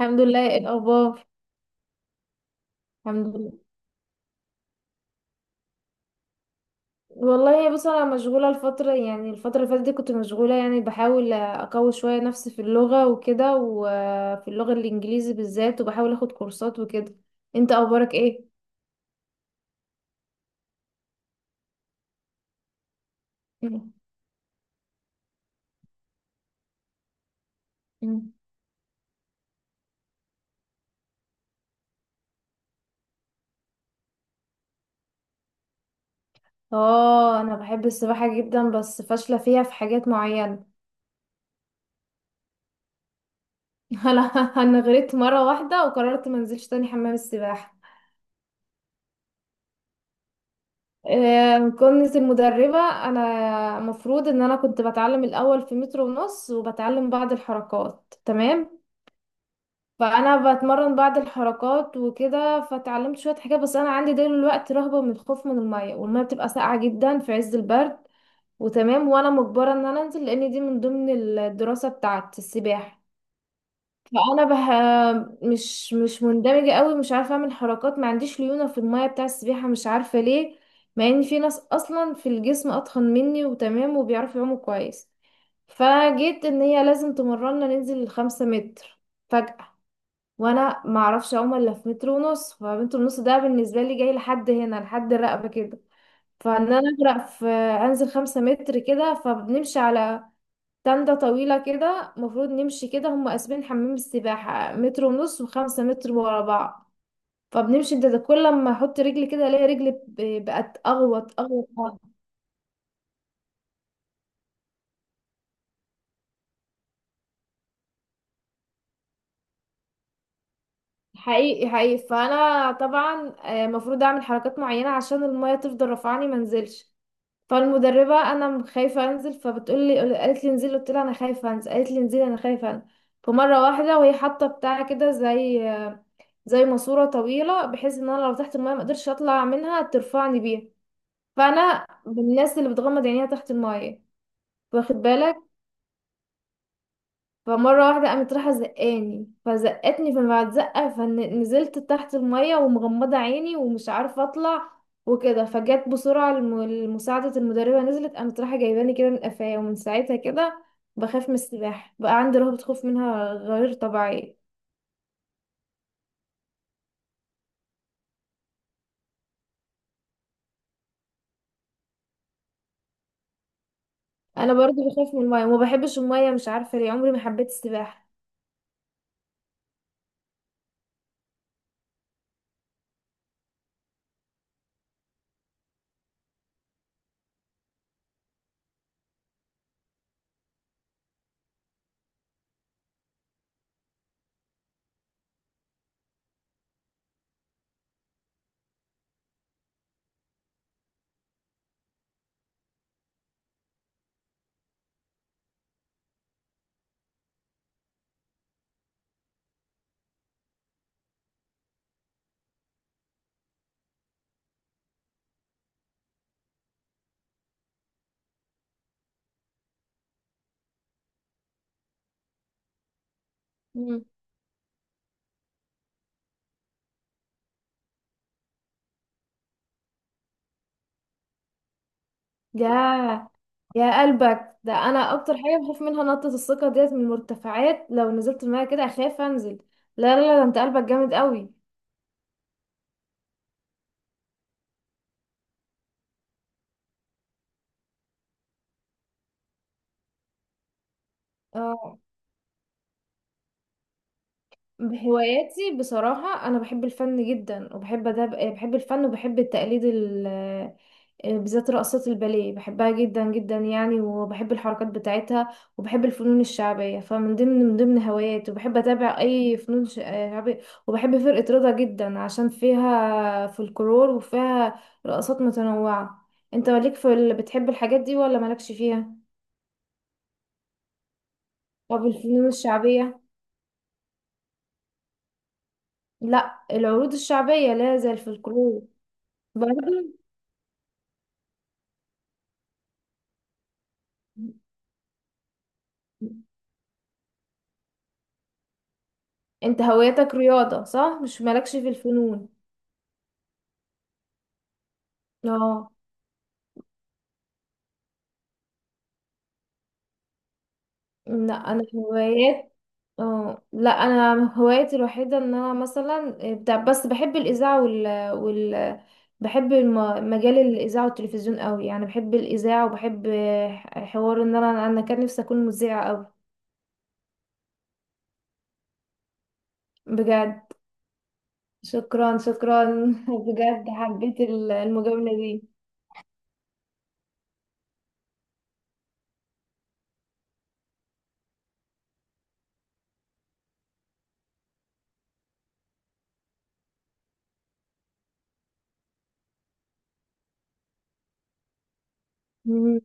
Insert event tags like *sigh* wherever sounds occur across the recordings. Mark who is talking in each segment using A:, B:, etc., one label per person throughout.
A: الحمد لله. ايه الاخبار؟ الحمد لله. والله بص، انا مشغوله الفتره، يعني الفتره اللي فاتت دي كنت مشغوله، يعني بحاول اقوي شويه نفسي في اللغه وكده، وفي اللغه الانجليزي بالذات، وبحاول اخد كورسات وكده. انت؟ اخبارك ايه؟ *laughs* مم. مم. اه، انا بحب السباحه جدا بس فاشله فيها في حاجات معينه. *laughs* انا انا غرقت مره واحده وقررت ما انزلش تاني حمام السباحه. كنت المدربة. أنا مفروض إن أنا كنت بتعلم الأول في متر ونص، وبتعلم بعض الحركات، تمام. فأنا بتمرن بعض الحركات وكده، فتعلمت شوية حاجات، بس أنا عندي دلوقتي رهبة من الخوف من المية، والمية بتبقى ساقعة جدا في عز البرد. وتمام، وأنا مجبرة إن أنا أنزل لأن دي من ضمن الدراسة بتاعت السباحة. فانا بح... مش مندمجه قوي، مش عارفه اعمل حركات، ما عنديش ليونه في الميه بتاع السباحه، مش عارفه ليه. مع ان في ناس اصلا في الجسم اتخن مني وتمام وبيعرفوا يعوموا كويس. فجيت ان هي لازم تمرنا ننزل ال5 متر فجأة، وانا ما اعرفش اعوم الا في متر ونص. فمتر ونص ده بالنسبه لي جاي لحد هنا، لحد الرقبه كده. فان انا اغرق في انزل 5 متر كده. فبنمشي على تندة طويلة كده، المفروض نمشي كده، هم قاسمين حمام السباحة متر ونص وخمسة متر ورا بعض. فبنمشي، انت ده كل لما احط رجلي كده الاقي رجلي بقت اغوط اغوط أغوط. حقيقي حقيقي، فانا طبعا المفروض اعمل حركات معينة عشان المية تفضل رافعاني ما انزلش. فالمدربة، انا خايفة انزل، فبتقول لي قالت لي انزلي، قلت لها انا خايفة انزل، قالت لي انزلي، انا خايفة انزل. فمرة واحدة وهي حاطة بتاع كده، زي ماسورة طويلة، بحيث ان انا لو تحت المايه ما اقدرش اطلع منها، ترفعني بيها. فانا من الناس اللي بتغمض عينيها تحت المايه، واخد بالك. فمرة واحدة قامت رايحة زقاني، فزقتني، فبعد زقة فنزلت تحت المايه ومغمضة عيني ومش عارفة اطلع وكده. فجت بسرعة المساعدة المدربة، نزلت قامت رايحة جايباني كده من قفايا، ومن ساعتها كده بخاف من السباحة، بقى عندي رهبة خوف منها غير طبيعية. انا برضو بخاف من المايه وما بحبش المايه، مش عارفة ليه، عمري ما حبيت السباحة. يا يا قلبك، ده انا اكتر حاجه بخاف منها نطه الثقه ديت من المرتفعات، لو نزلت الميه كده اخاف انزل. لا لا لا، ده انت قلبك جامد قوي. اه، بهواياتي بصراحه انا بحب الفن جدا وبحب ده. بحب الفن وبحب التقليد، بالذات رقصات الباليه، بحبها جدا جدا يعني، وبحب الحركات بتاعتها. وبحب الفنون الشعبيه، فمن ضمن من ضمن هواياتي، وبحب اتابع اي فنون شعبيه. وبحب فرقه رضا جدا عشان فيها فلكلور وفيها رقصات متنوعه. انت مالك في بتحب الحاجات دي ولا مالكش فيها؟ طب الفنون الشعبيه؟ لا، العروض الشعبيه، لا، زي الفلكلور، برضه. انت هوايتك رياضه، صح؟ مش مالكش في الفنون. اه، لا، انا هوايتي الوحيده ان انا مثلا بتاع، بس بحب الاذاعه وال مجال الاذاعه والتلفزيون قوي، يعني بحب الاذاعه، وبحب حوار، ان انا كان نفسي اكون مذيعه قوي. بجد؟ شكرا شكرا. *laughs* بجد حبيت المجامله دي. مم.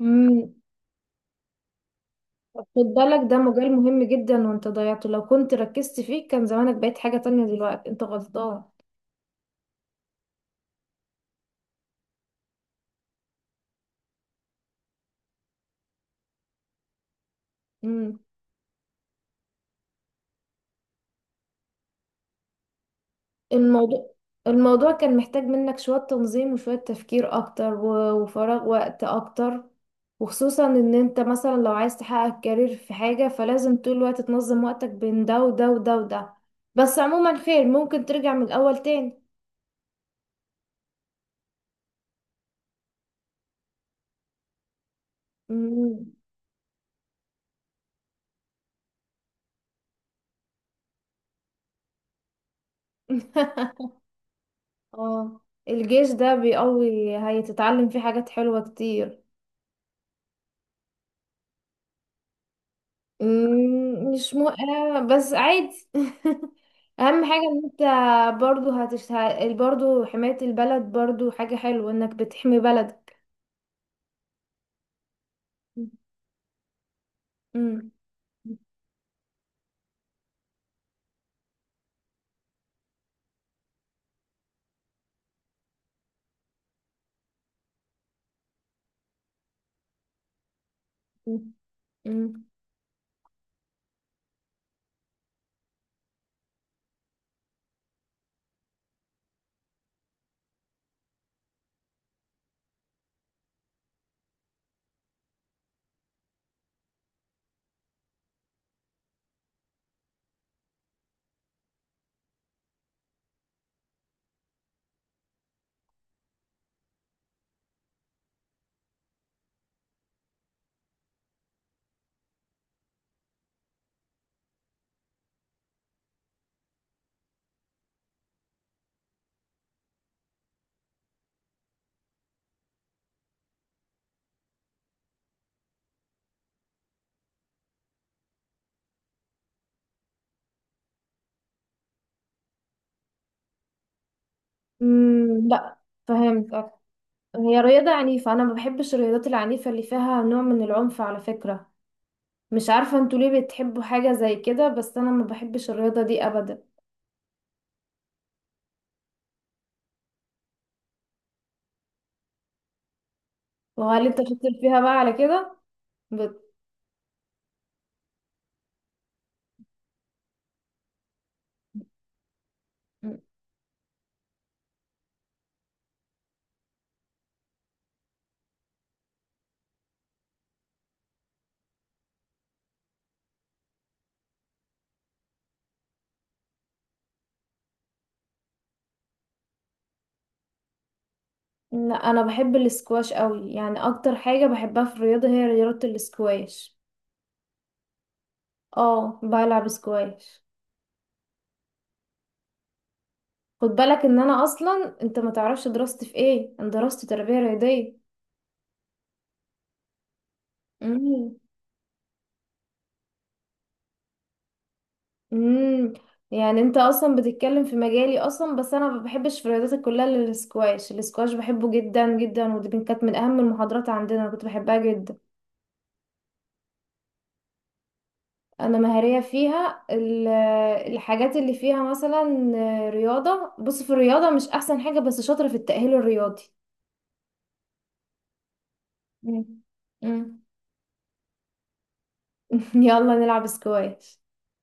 A: مم. خد بالك، ده مجال مهم جدا وانت ضيعته، لو كنت ركزت فيه كان زمانك بقيت حاجه تانية دلوقتي، انت غلطان. مم. الموضوع الموضوع كان محتاج منك شوية تنظيم وشوية تفكير أكتر، و- وفراغ وقت أكتر، وخصوصا إن أنت مثلا لو عايز تحقق كارير في حاجة فلازم طول الوقت تنظم وقتك بين ده وده وده وده. بس عموما خير، ممكن ترجع من الأول تاني. مم. *laughs* اه، الجيش ده بيقوي، هيتتعلم فيه حاجات حلوة كتير. مم، مش مو... آه، بس عادي. *laughs* اهم حاجة ان انت برضو هتشت... برضو حماية البلد، برضو حاجة حلوة انك بتحمي بلدك. مم. مم. مم. مم. لا، فهمت أكتر. هي رياضة عنيفة، انا ما بحبش الرياضات العنيفة اللي فيها نوع من العنف، على فكرة. مش عارفة انتوا ليه بتحبوا حاجة زي كده، بس انا ما بحبش الرياضة دي ابدا. وهل انت شاطر فيها بقى على كده؟ بت... لا انا بحب الاسكواش قوي، يعني اكتر حاجه بحبها في الرياضه هي رياضه الاسكواش. اه، بلعب اسكواش. خد بالك ان انا اصلا، انت ما تعرفش دراستي في ايه، انا دراستي تربيه رياضيه. امم امم يعني انت اصلا بتتكلم في مجالي اصلا، بس انا ما بحبش في الرياضات كلها الا الاسكواش. الاسكواش بحبه جدا جدا، ودي كانت من اهم المحاضرات عندنا، انا كنت بحبها جدا. انا مهارية فيها الحاجات اللي فيها مثلا رياضة، بص، في الرياضة مش احسن حاجة، بس شاطرة في التأهيل الرياضي. مم. مم. *laughs* يلا نلعب سكواش.